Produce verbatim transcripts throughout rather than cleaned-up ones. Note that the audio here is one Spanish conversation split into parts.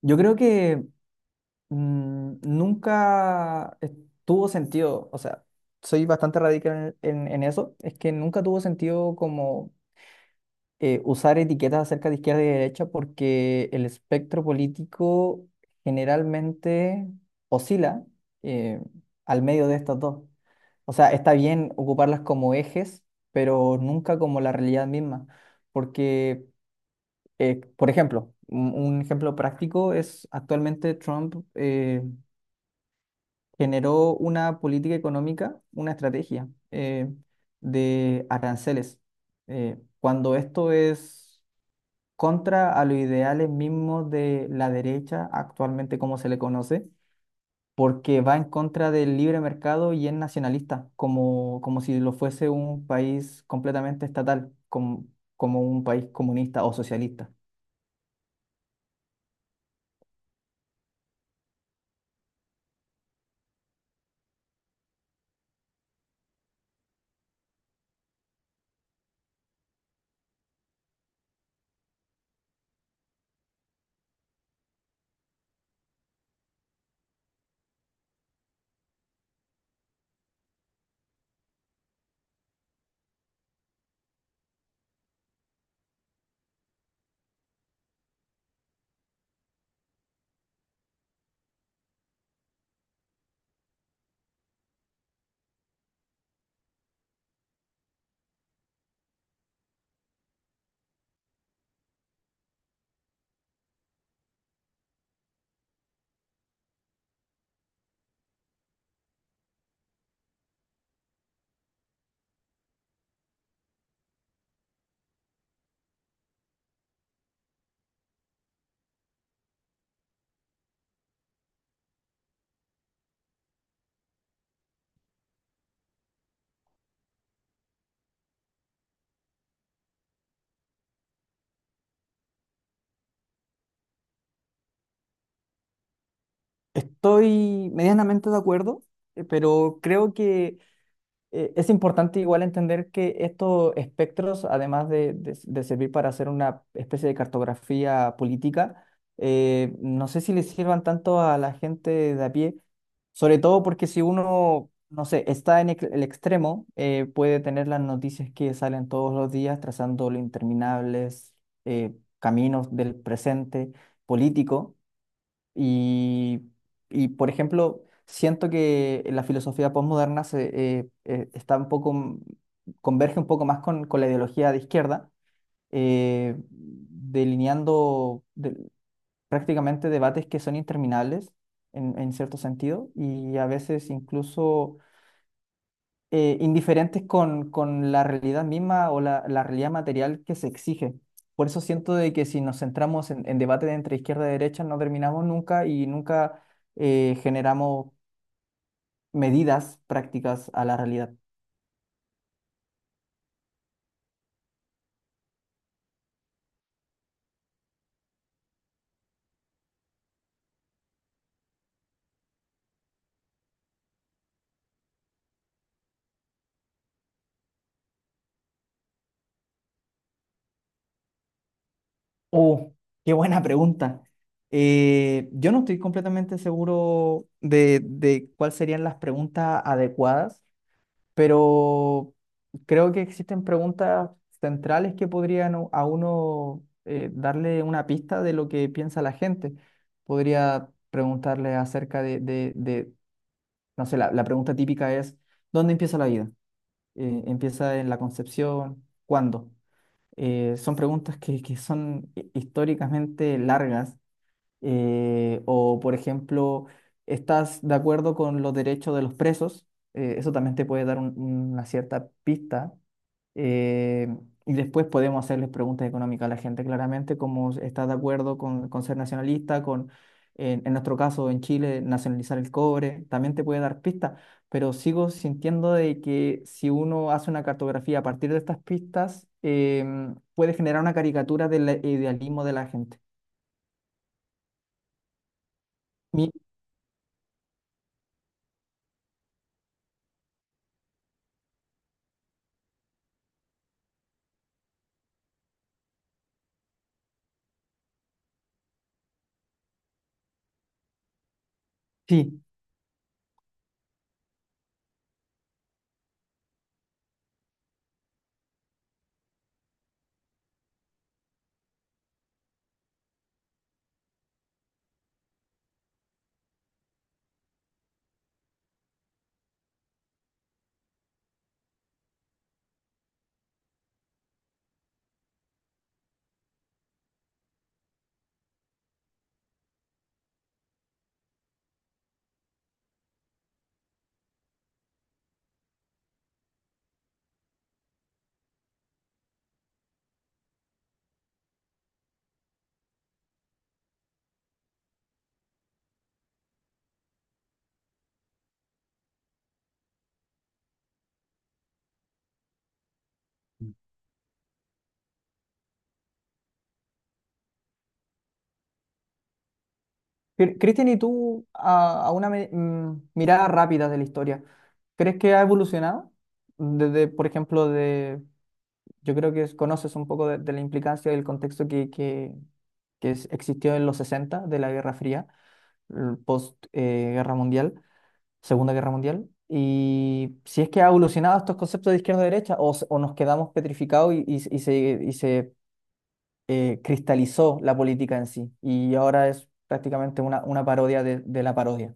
Yo creo que mm, nunca es- tuvo sentido, o sea, soy bastante radical en, en- en eso, es que nunca tuvo sentido como eh, usar etiquetas acerca de izquierda y derecha porque el espectro político generalmente oscila eh, al medio de estas dos. O sea, está bien ocuparlas como ejes, pero nunca como la realidad misma, porque eh, por ejemplo, un, un ejemplo práctico es actualmente Trump eh, generó una política económica, una estrategia eh, de aranceles, eh, cuando esto es contra a los ideales mismos de la derecha, actualmente como se le conoce, porque va en contra del libre mercado y es nacionalista, como, como si lo fuese un país completamente estatal, como, como un país comunista o socialista. Estoy medianamente de acuerdo, eh, pero creo que eh, es importante igual entender que estos espectros, además de, de- de servir para hacer una especie de cartografía política, eh, no sé si le sirvan tanto a la gente de a pie, sobre todo porque si uno, no sé, está en ex- el extremo, eh, puede tener las noticias que salen todos los días trazando los interminables eh, caminos del presente político y, y, por ejemplo, siento que la filosofía postmoderna se, eh, eh, está un poco, m- converge un poco más con, con la ideología de izquierda, eh, delineando de- prácticamente debates que son interminables en, en cierto sentido y a veces incluso eh, indiferentes con, con la realidad misma o la, la realidad material que se exige. Por eso siento de que si nos centramos en, en debates entre izquierda y derecha, no terminamos nunca y nunca eh, generamos medidas prácticas a la realidad. Oh, qué buena pregunta. Eh, yo no estoy completamente seguro de, de cuáles serían las preguntas adecuadas, pero creo que existen preguntas centrales que podrían u- a uno eh, darle una pista de lo que piensa la gente. Podría preguntarle acerca de, de- de- no sé, la, la pregunta típica es: ¿dónde empieza la vida? Eh, ¿empieza en la concepción? ¿Cuándo? Eh, son preguntas que, que son hi- históricamente largas, eh, o, por ejemplo, estás de acuerdo con los derechos de los presos. Eh, eso también te puede dar un- una cierta pista. Eh, y después podemos hacerles preguntas económicas a la gente, claramente, como estás de acuerdo con, con ser nacionalista, con, en, en nuestro caso en Chile, nacionalizar el cobre, también te puede dar pistas, pero sigo sintiendo de que si uno hace una cartografía a partir de estas pistas, em, puede generar una caricatura del idealismo de la gente. Mi- Sí, Cri- Cristian, ¿y tú, a, a una me- mm, mirada rápida de la historia, crees que ha evolucionado? Desde, por ejemplo, de, yo creo que es- conoces un poco de, de la implicancia y el contexto que, que, que es- existió en los sesenta, de la Guerra Fría, el post eh, Guerra Mundial, Segunda Guerra Mundial, y si es que ha evolucionado estos conceptos de izquierda-derecha o, se- o nos quedamos petrificados y, y, y se, y se eh, cristalizó la política en sí y ahora es prácticamente una, una parodia de, de la parodia,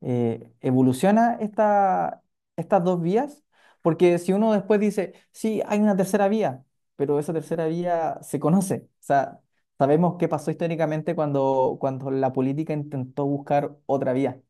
eh, evoluciona esta, estas dos vías, porque si uno después dice, sí, hay una tercera vía, pero esa tercera vía se conoce, o sea, sabemos qué pasó históricamente cuando, cuando la política intentó buscar otra vía.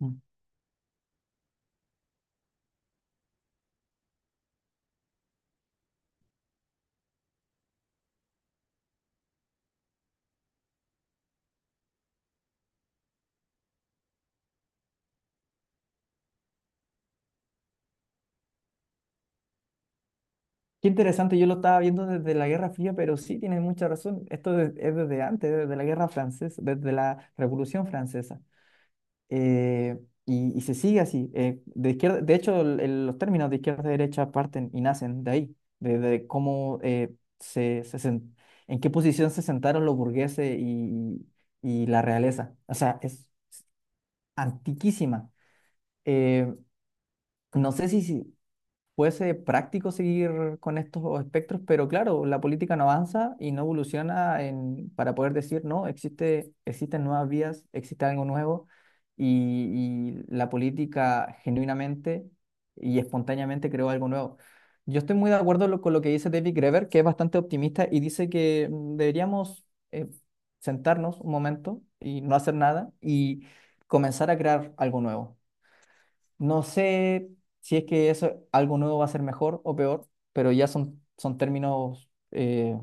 Mm. Qué interesante, yo lo estaba viendo desde la Guerra Fría, pero sí tienes mucha razón, esto de- es desde antes, desde la Guerra Francesa, desde la Revolución Francesa. eh, y, y se sigue así. eh, de izquierda, de hecho, el- el- los términos de izquierda y derecha parten y nacen de ahí, de, de cómo eh, se, se sen- en qué posición se sentaron los burgueses y, y la realeza. O sea, es antiquísima. Eh, no sé si, si- puede ser práctico seguir con estos espectros, pero claro, la política no avanza y no evoluciona en, para poder decir, no, existe, existen nuevas vías, existe algo nuevo y, y la política genuinamente y espontáneamente creó algo nuevo. Yo estoy muy de acuerdo lo- con lo que dice David Graeber, que es bastante optimista y dice que mm, deberíamos eh, sentarnos un momento y no hacer nada y comenzar a crear algo nuevo. No sé si es que eso, algo nuevo va a ser mejor o peor, pero ya son, son términos eh,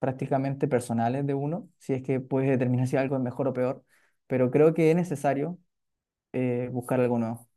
prácticamente personales de uno, si es que puedes determinar si algo es mejor o peor, pero creo que es necesario eh, buscar algo nuevo.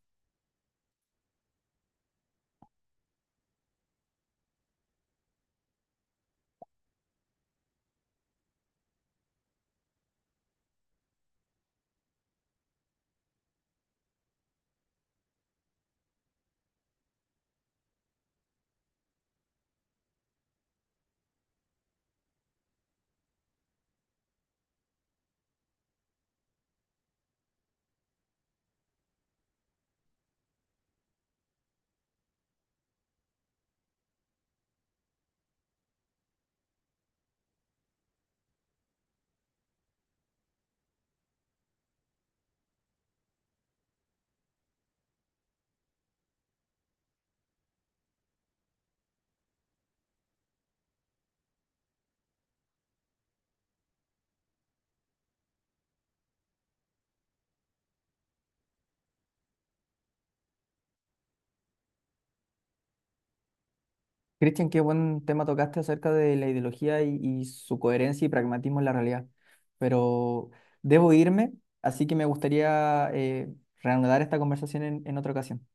Cristian, qué buen tema tocaste acerca de la ideología y, y su coherencia y pragmatismo en la realidad, pero debo irme, así que me gustaría eh, reanudar esta conversación en en otra ocasión.